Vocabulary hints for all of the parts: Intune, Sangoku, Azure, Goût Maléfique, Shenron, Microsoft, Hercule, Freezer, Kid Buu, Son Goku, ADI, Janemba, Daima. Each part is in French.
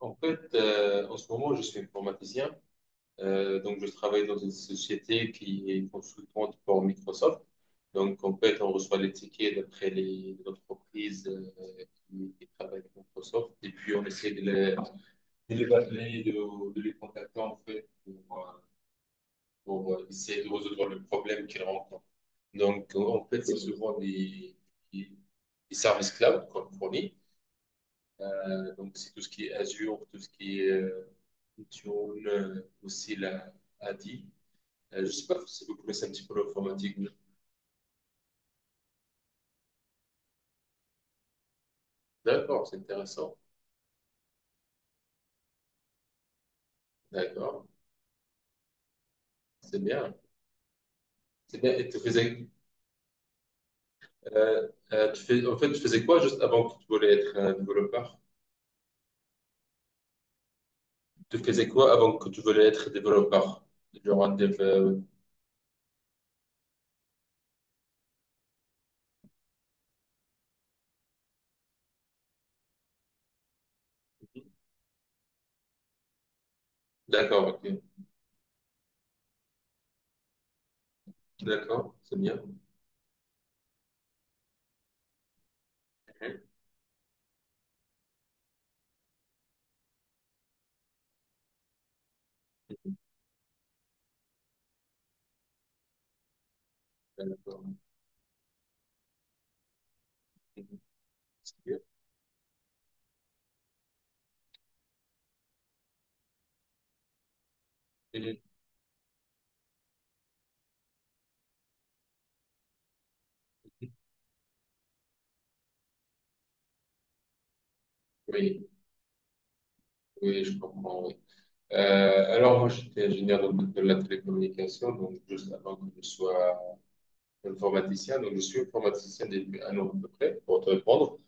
En fait, en ce moment, je suis informaticien. Donc, je travaille dans une société qui est consultante pour Microsoft. Donc, en fait, on reçoit les tickets d'après les entreprises, qui travaillent avec Microsoft. Et puis, on essaie de les appeler, de les contacter, en fait, pour essayer de résoudre le problème qu'ils rencontrent. Donc, en fait, c'est souvent des des services cloud qu'on fournit. Donc, c'est tout ce qui est Azure, tout ce qui est Intune, aussi la ADI. Je ne sais pas si vous connaissez un petit peu l'informatique, D'accord, c'est intéressant. D'accord, c'est bien. C'est bien. Et tu faisais, tu fais, en fait, tu faisais quoi juste avant que tu voulais être développeur? Tu faisais quoi avant que tu voulais être développeur? Genre un dev, D'accord, ok. D'accord, c'est bien. Mhm. D'accord. Mhm. C'est bien. Mhm. Oui, oui, je comprends, oui. Alors, moi, j'étais ingénieur dans de la télécommunication, donc juste avant que je sois informaticien. Donc, je suis informaticien depuis un an à peu près, pour te répondre.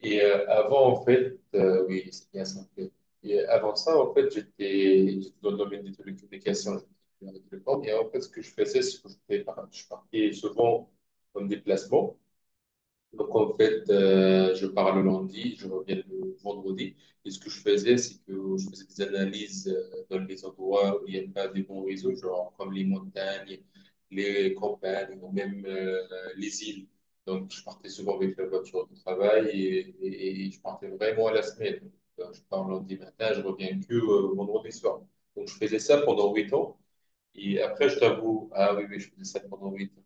Et avant, en fait, oui, c'est bien ça, en fait. Et avant ça, en fait, j'étais dans le domaine des télécommunications, j'étais dans la télécom. Et en fait, ce que je faisais, c'est que je partais souvent en déplacement. Donc, en fait, je pars le lundi, je reviens le vendredi. Et ce que je faisais, c'est que je faisais des analyses, dans les endroits où il n'y a pas de bons réseaux, genre comme les montagnes, les campagnes ou même, les îles. Donc, je partais souvent avec la voiture de travail, et je partais vraiment à la semaine. Donc, je pars lundi matin, je reviens que vendredi soir. Donc, je faisais ça pendant 8 ans. Et après, je t'avoue, ah oui, oui, je faisais ça pendant huit ans.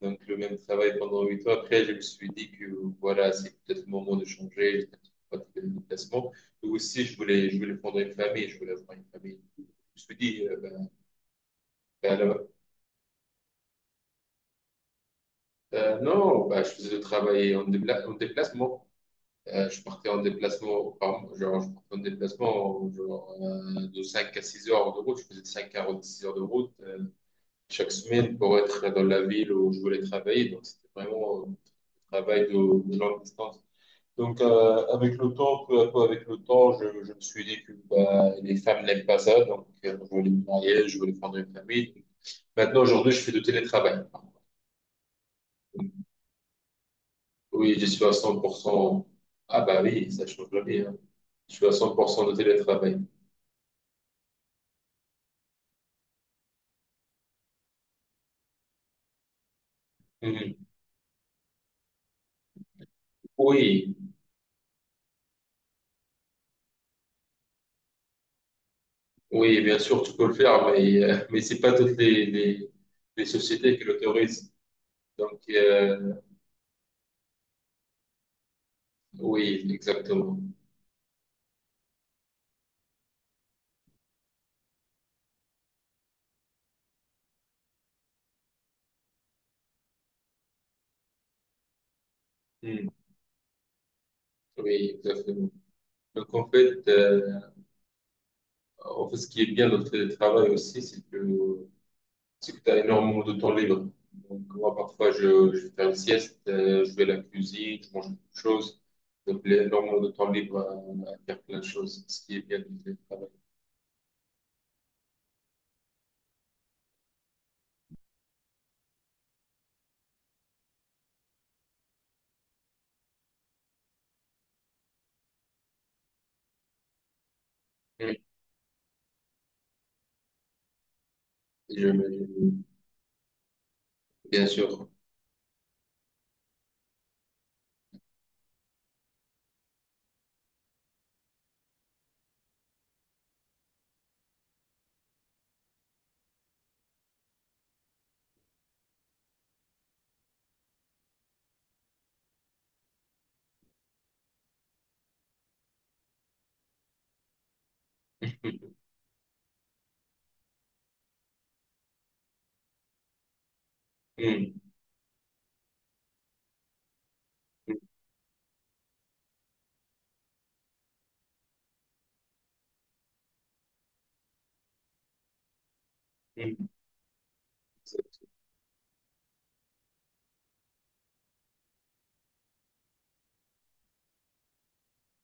Donc, le même travail pendant 8 ans. Après, je me suis dit que voilà, c'est peut-être le moment de changer. J'étais un petit peu fatigué de mon déplacement. Et aussi, je voulais fonder une famille. Je voulais avoir une famille. Je me suis dit, ben, ben, là- non, ben, je faisais le travail en déplacement. Je partais en déplacement, par mois. Genre, je partais en déplacement, genre, de 5 à 6 heures de route. Je faisais 5 à 6 heures de route, chaque semaine pour être dans la ville où je voulais travailler. Donc, c'était vraiment un travail de longue distance. Donc, avec le temps, peu à peu avec le temps, je me suis dit que bah, les femmes n'aiment pas ça. Donc, je voulais me marier, je voulais prendre une famille. Maintenant, aujourd'hui, je fais du télétravail. Oui, je suis à 100%. Ah bah oui, ça change la vie, hein. Je suis à cent pour cent de télétravail. Mhm. Oui, oui, bien sûr, tu peux le faire, mais, mais c'est pas toutes les sociétés qui l'autorisent. Donc, oui, exactement. Mhm. Oui, exactement. Donc, en fait, en fait, ce qui est bien dans le télétravail aussi, c'est que tu as énormément de temps libre. Donc, moi, parfois, je vais faire une sieste, je vais à la cuisine, je mange quelque chose. Donc, il y a énormément de temps libre à faire plein de choses, ce qui est bien dans le télétravail. Mm. Je- bien sûr. Mm. Mm. Mm.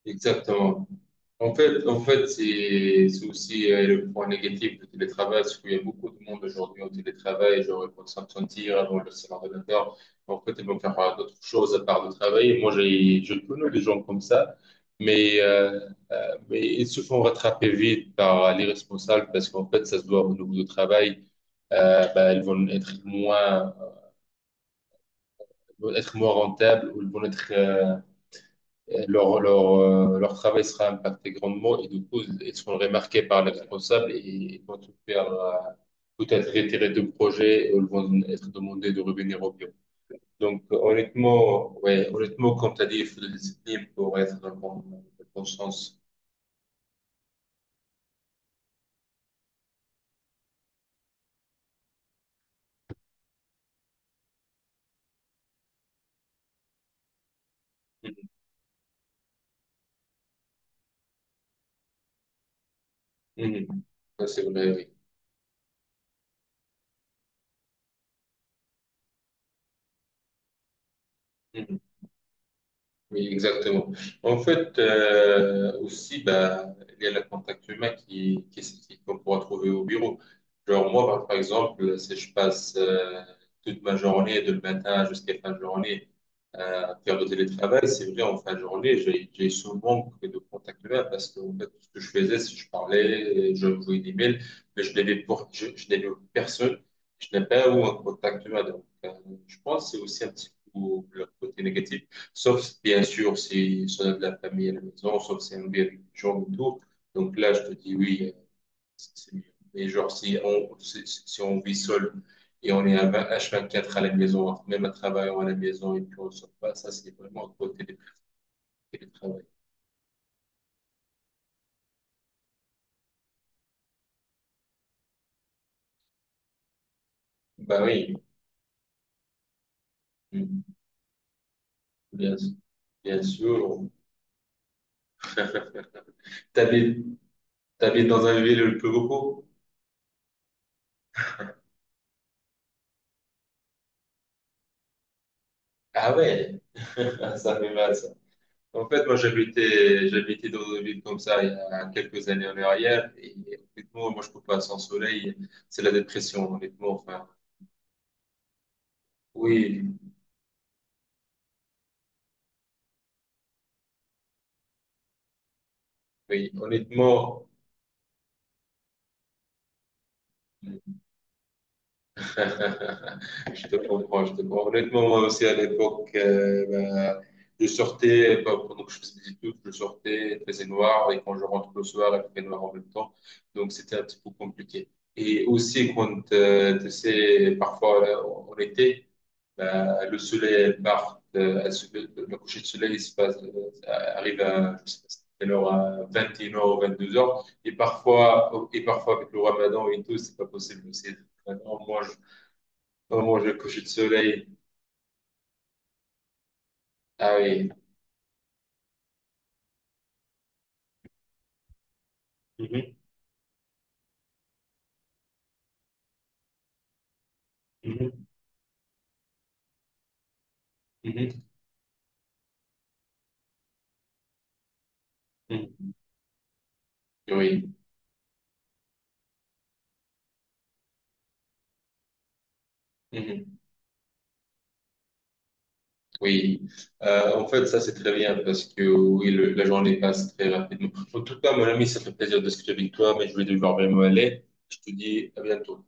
Exactement. En fait, c'est aussi, le point négatif du télétravail, c'est qu'il y a beaucoup de monde aujourd'hui au télétravail, genre ils vont s'absentir, ils vont laisser l'ordinateur, en fait, ils vont faire, d'autres choses à part de travailler. Moi, j'ai, je connais des gens comme ça, mais, euh, mais ils se font rattraper vite par les responsables parce qu'en fait, ça se doit au niveau du travail, bah, ils vont être moins rentables ou ils vont être, leur, leur travail sera impacté grandement et du coup, ils seront remarqués par les responsables et ils vont tout faire, tout être retirer de projet et ils vont être demandés de revenir au bureau. Donc, honnêtement, ouais, honnêtement, comme tu as dit, il faut de la discipline pour être dans le bon sens. Mhm. Mhm. Ça, c'est vrai, oui. Mhm. Oui, exactement. En fait, aussi, bah, il y a le contact humain qu'on pourra trouver au bureau. Genre moi, par exemple, si je passe, toute ma journée, de le matin jusqu'à fin de journée, à faire du télétravail, c'est vrai, en fin de journée, j'ai ce manque de contact humain parce que en fait, tout ce que je faisais, c'est que je parlais, je envoyais des mails, mais je n'avais personne, je n'avais pas eu un contact humain. Donc, je pense que c'est aussi un petit peu le côté négatif. Sauf, bien sûr, si on a de la famille à la maison, sauf si c'est un bébé gens et tout. Donc là, je te dis oui, c'est mieux. Mais genre, si on vit seul et on est à 20 H24 à la maison, même à travail, on est à la maison et puis on ne sort pas, ça, c'est vraiment trop télétravail. Bah oui. Mhm. Bien sûr. Bien sûr. T'habites, T'habites dans un ville le plus beaucoup? Ah ouais, ça fait mal. En fait, moi, j'habitais dans une ville comme ça il y a quelques années en arrière. Et honnêtement, moi, je peux pas sans soleil. C'est la dépression, honnêtement. Enfin, oui, oui, honnêtement. Je te comprends, je te comprends. Honnêtement, moi aussi, à l'époque, bah, je sortais, bah, pendant que je faisais des études, je sortais, il faisait noir, et quand je rentre le soir, il fait noir en même temps. Donc, c'était un petit peu compliqué. Et aussi, quand, tu sais, parfois, là, en été, ben, le soleil part, le coucher de soleil il se passe, arrive à, je sais pas quelle heure, à 21h ou 22h. Et parfois, avec le ramadan et tout, c'est pas possible aussi. Maintenant, moi, on mange le coucher de soleil. Ah oui. Mhm, mhm, mhm, mhm. Oui. Mhm. Oui. En fait, ça, c'est très bien parce que oui, le- la journée passe très rapidement. En tout cas, mon ami, ça fait plaisir de discuter avec toi, mais je vais devoir vraiment aller. Je te dis à bientôt.